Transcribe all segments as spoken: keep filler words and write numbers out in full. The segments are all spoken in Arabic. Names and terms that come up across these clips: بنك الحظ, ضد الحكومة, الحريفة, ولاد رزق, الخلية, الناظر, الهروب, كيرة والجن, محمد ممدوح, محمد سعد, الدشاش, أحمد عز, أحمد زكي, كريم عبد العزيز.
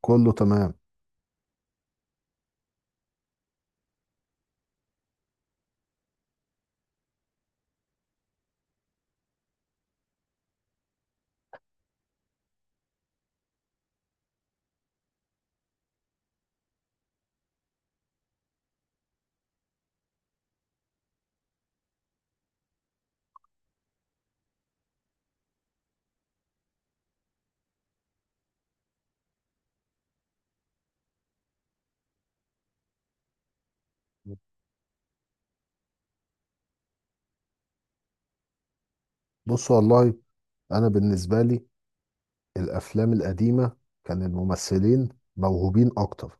كله تمام. بص والله، انا بالنسبه لي الافلام القديمه كان الممثلين موهوبين اكتر.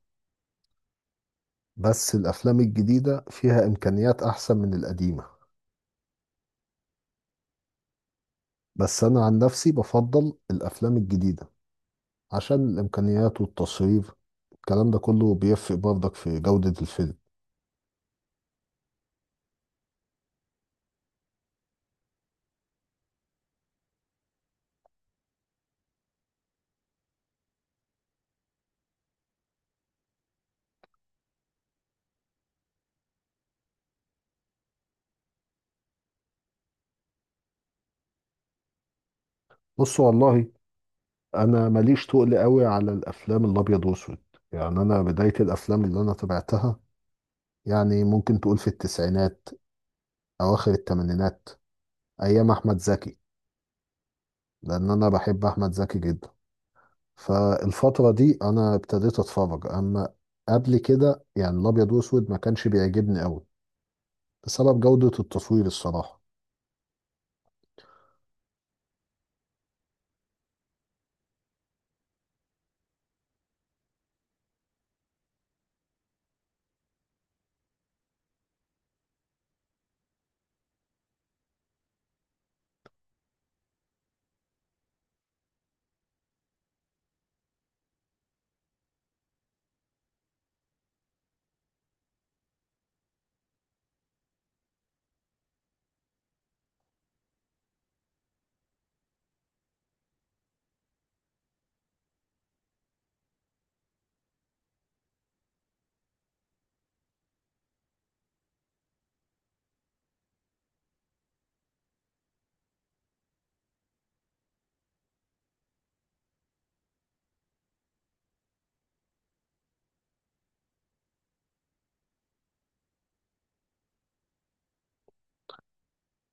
بس الافلام الجديده فيها امكانيات احسن من القديمه. بس انا عن نفسي بفضل الافلام الجديده عشان الامكانيات والتصوير. الكلام ده كله بيفرق برضك في جوده الفيلم. بص والله، انا ماليش تقل قوي على الافلام الابيض واسود. يعني انا بدايه الافلام اللي انا تابعتها يعني ممكن تقول في التسعينات، اواخر الثمانينات، ايام احمد زكي، لان انا بحب احمد زكي جدا. فالفتره دي انا ابتديت اتفرج، اما قبل كده يعني الابيض واسود ما كانش بيعجبني قوي بسبب جوده التصوير الصراحه.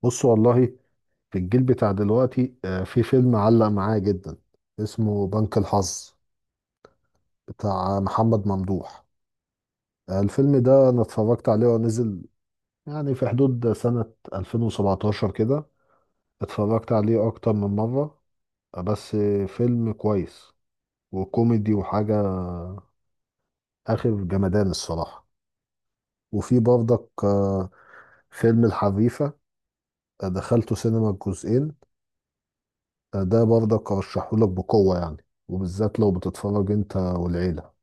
بص والله، في الجيل بتاع دلوقتي آه، في فيلم علق معايا جدا اسمه بنك الحظ بتاع محمد ممدوح. آه، الفيلم ده انا اتفرجت عليه ونزل يعني في حدود سنه ألفين وسبعتاشر كده. اتفرجت عليه اكتر من مره. آه، بس فيلم كويس وكوميدي وحاجة آخر جمدان الصراحة. وفي برضك آه، فيلم الحريفة، آه، دخلته سينما الجزئين. آه، ده برضك أرشحهولك بقوة يعني، وبالذات لو بتتفرج أنت والعيلة.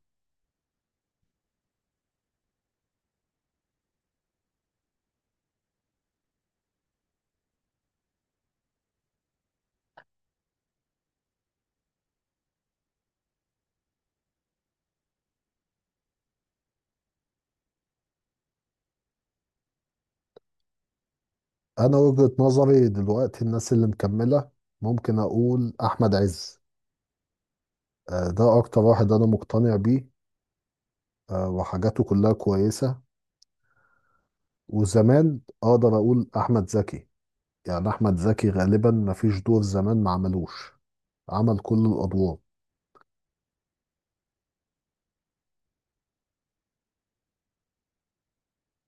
أنا وجهة نظري دلوقتي الناس اللي مكملة ممكن أقول أحمد عز. آه، ده أكتر واحد أنا مقتنع بيه. آه، وحاجاته كلها كويسة. وزمان أقدر أقول أحمد زكي. يعني أحمد زكي غالبا مفيش دور زمان ما عملوش، عمل كل الأدوار.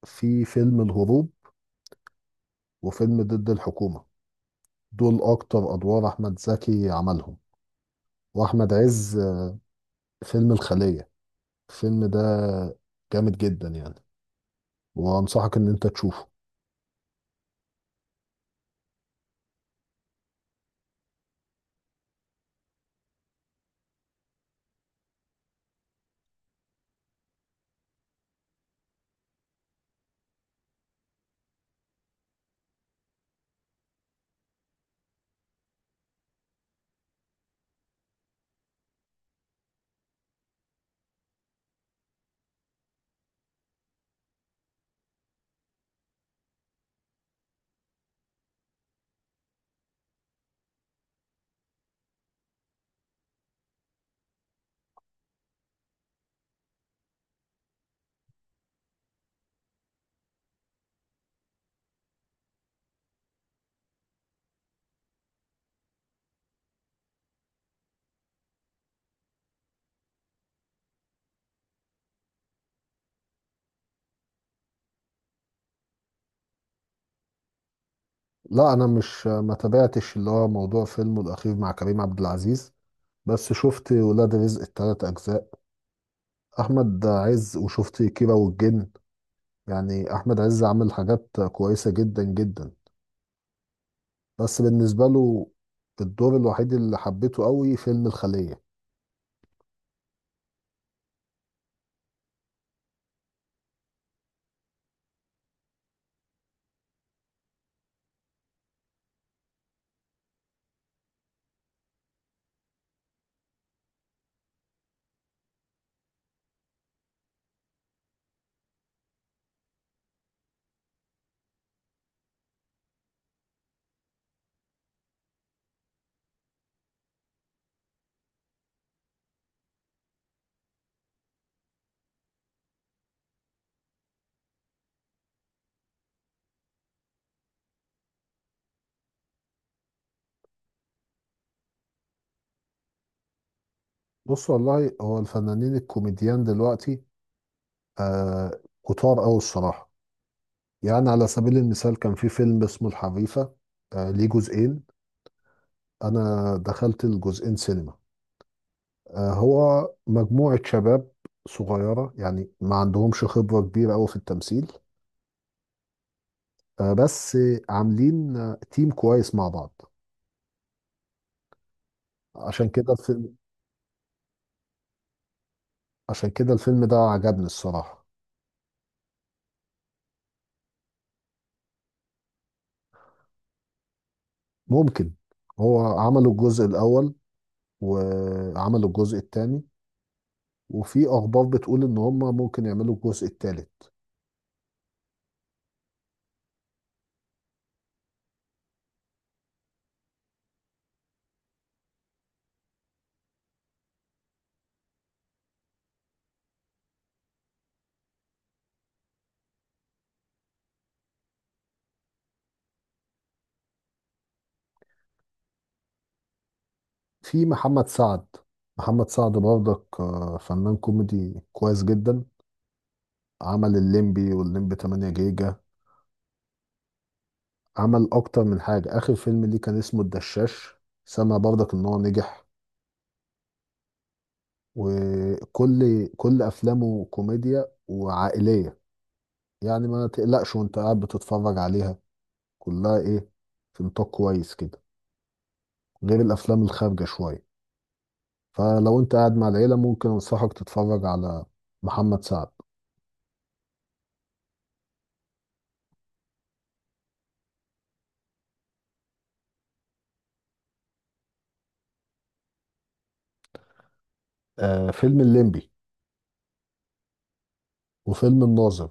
في فيلم الهروب وفيلم ضد الحكومة، دول أكتر أدوار أحمد زكي عملهم. وأحمد عز، فيلم الخلية، الفيلم ده جامد جدا يعني، وأنصحك إن أنت تشوفه. لا، أنا مش ما تابعتش اللي هو موضوع فيلمه الأخير مع كريم عبد العزيز. بس شفت ولاد رزق التلات أجزاء أحمد عز، وشفت كيرة والجن. يعني أحمد عز عمل حاجات كويسة جدا جدا، بس بالنسبة له الدور الوحيد اللي حبيته قوي فيلم الخلية. بص والله، هو الفنانين الكوميديان دلوقتي آه كتار أوي الصراحة. يعني على سبيل المثال كان في فيلم اسمه الحريفة، آه ليه جزئين. أنا دخلت الجزئين سينما. آه هو مجموعة شباب صغيرة يعني ما عندهمش خبرة كبيرة أوي في التمثيل، آه بس عاملين آه، تيم كويس مع بعض. عشان كده الفيلم عشان كده الفيلم ده عجبني الصراحة. ممكن. هو عملوا الجزء الأول وعملوا الجزء الثاني، وفي اخبار بتقول ان هم ممكن يعملوا الجزء الثالث. في محمد سعد. محمد سعد برضك آه، فنان كوميدي كويس جدا. عمل الليمبي والليمبي تمانية جيجا. عمل اكتر من حاجة، اخر فيلم ليه كان اسمه الدشاش. سمع برضك ان هو نجح. وكل كل افلامه كوميديا وعائلية. يعني ما تقلقش وانت قاعد بتتفرج عليها، كلها ايه، في نطاق كويس كده، غير الافلام الخارجة شوية. فلو انت قاعد مع العيلة ممكن انصحك تتفرج على محمد سعد. آه فيلم الليمبي وفيلم الناظر.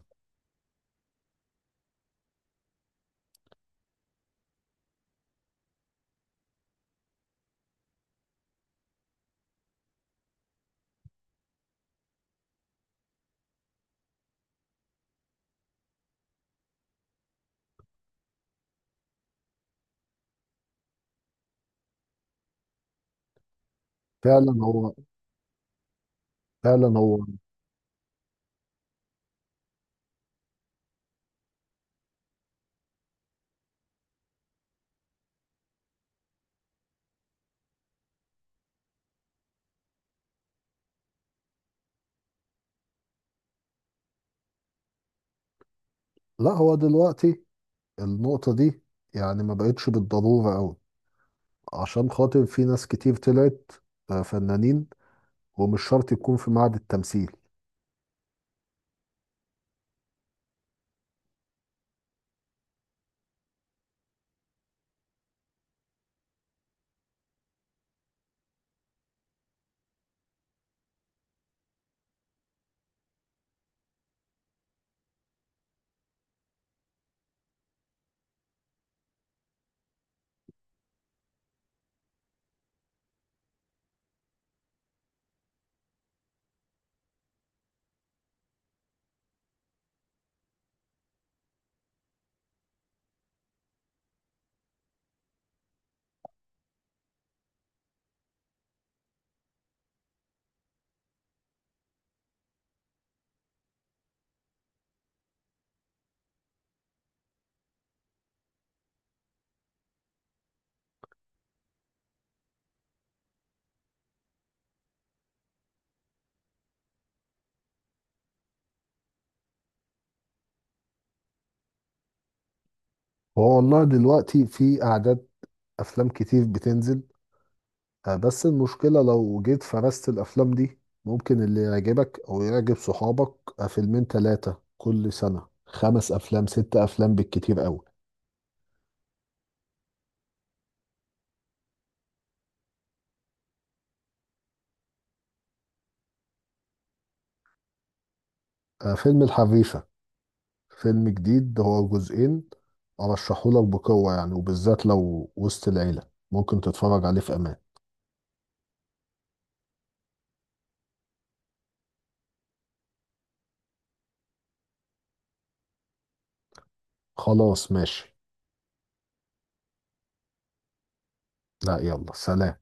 فعلا هو فعلا هو لا، هو دلوقتي النقطة دي يعني ما بقتش بالضرورة قوي، عشان خاطر في ناس كتير طلعت آه فنانين ومش شرط يكون في معهد التمثيل. هو والله دلوقتي في أعداد أفلام كتير بتنزل. آه، بس المشكلة لو جيت فرست الأفلام دي، ممكن اللي يعجبك أو يعجب صحابك آه، فيلمين تلاتة كل سنة، خمس أفلام ست أفلام بالكتير أوي. آه، فيلم الحريفة، فيلم جديد هو جزئين، أرشحهولك بقوة يعني وبالذات لو وسط العيلة ممكن تتفرج عليه في أمان. خلاص ماشي. لا يلا سلام.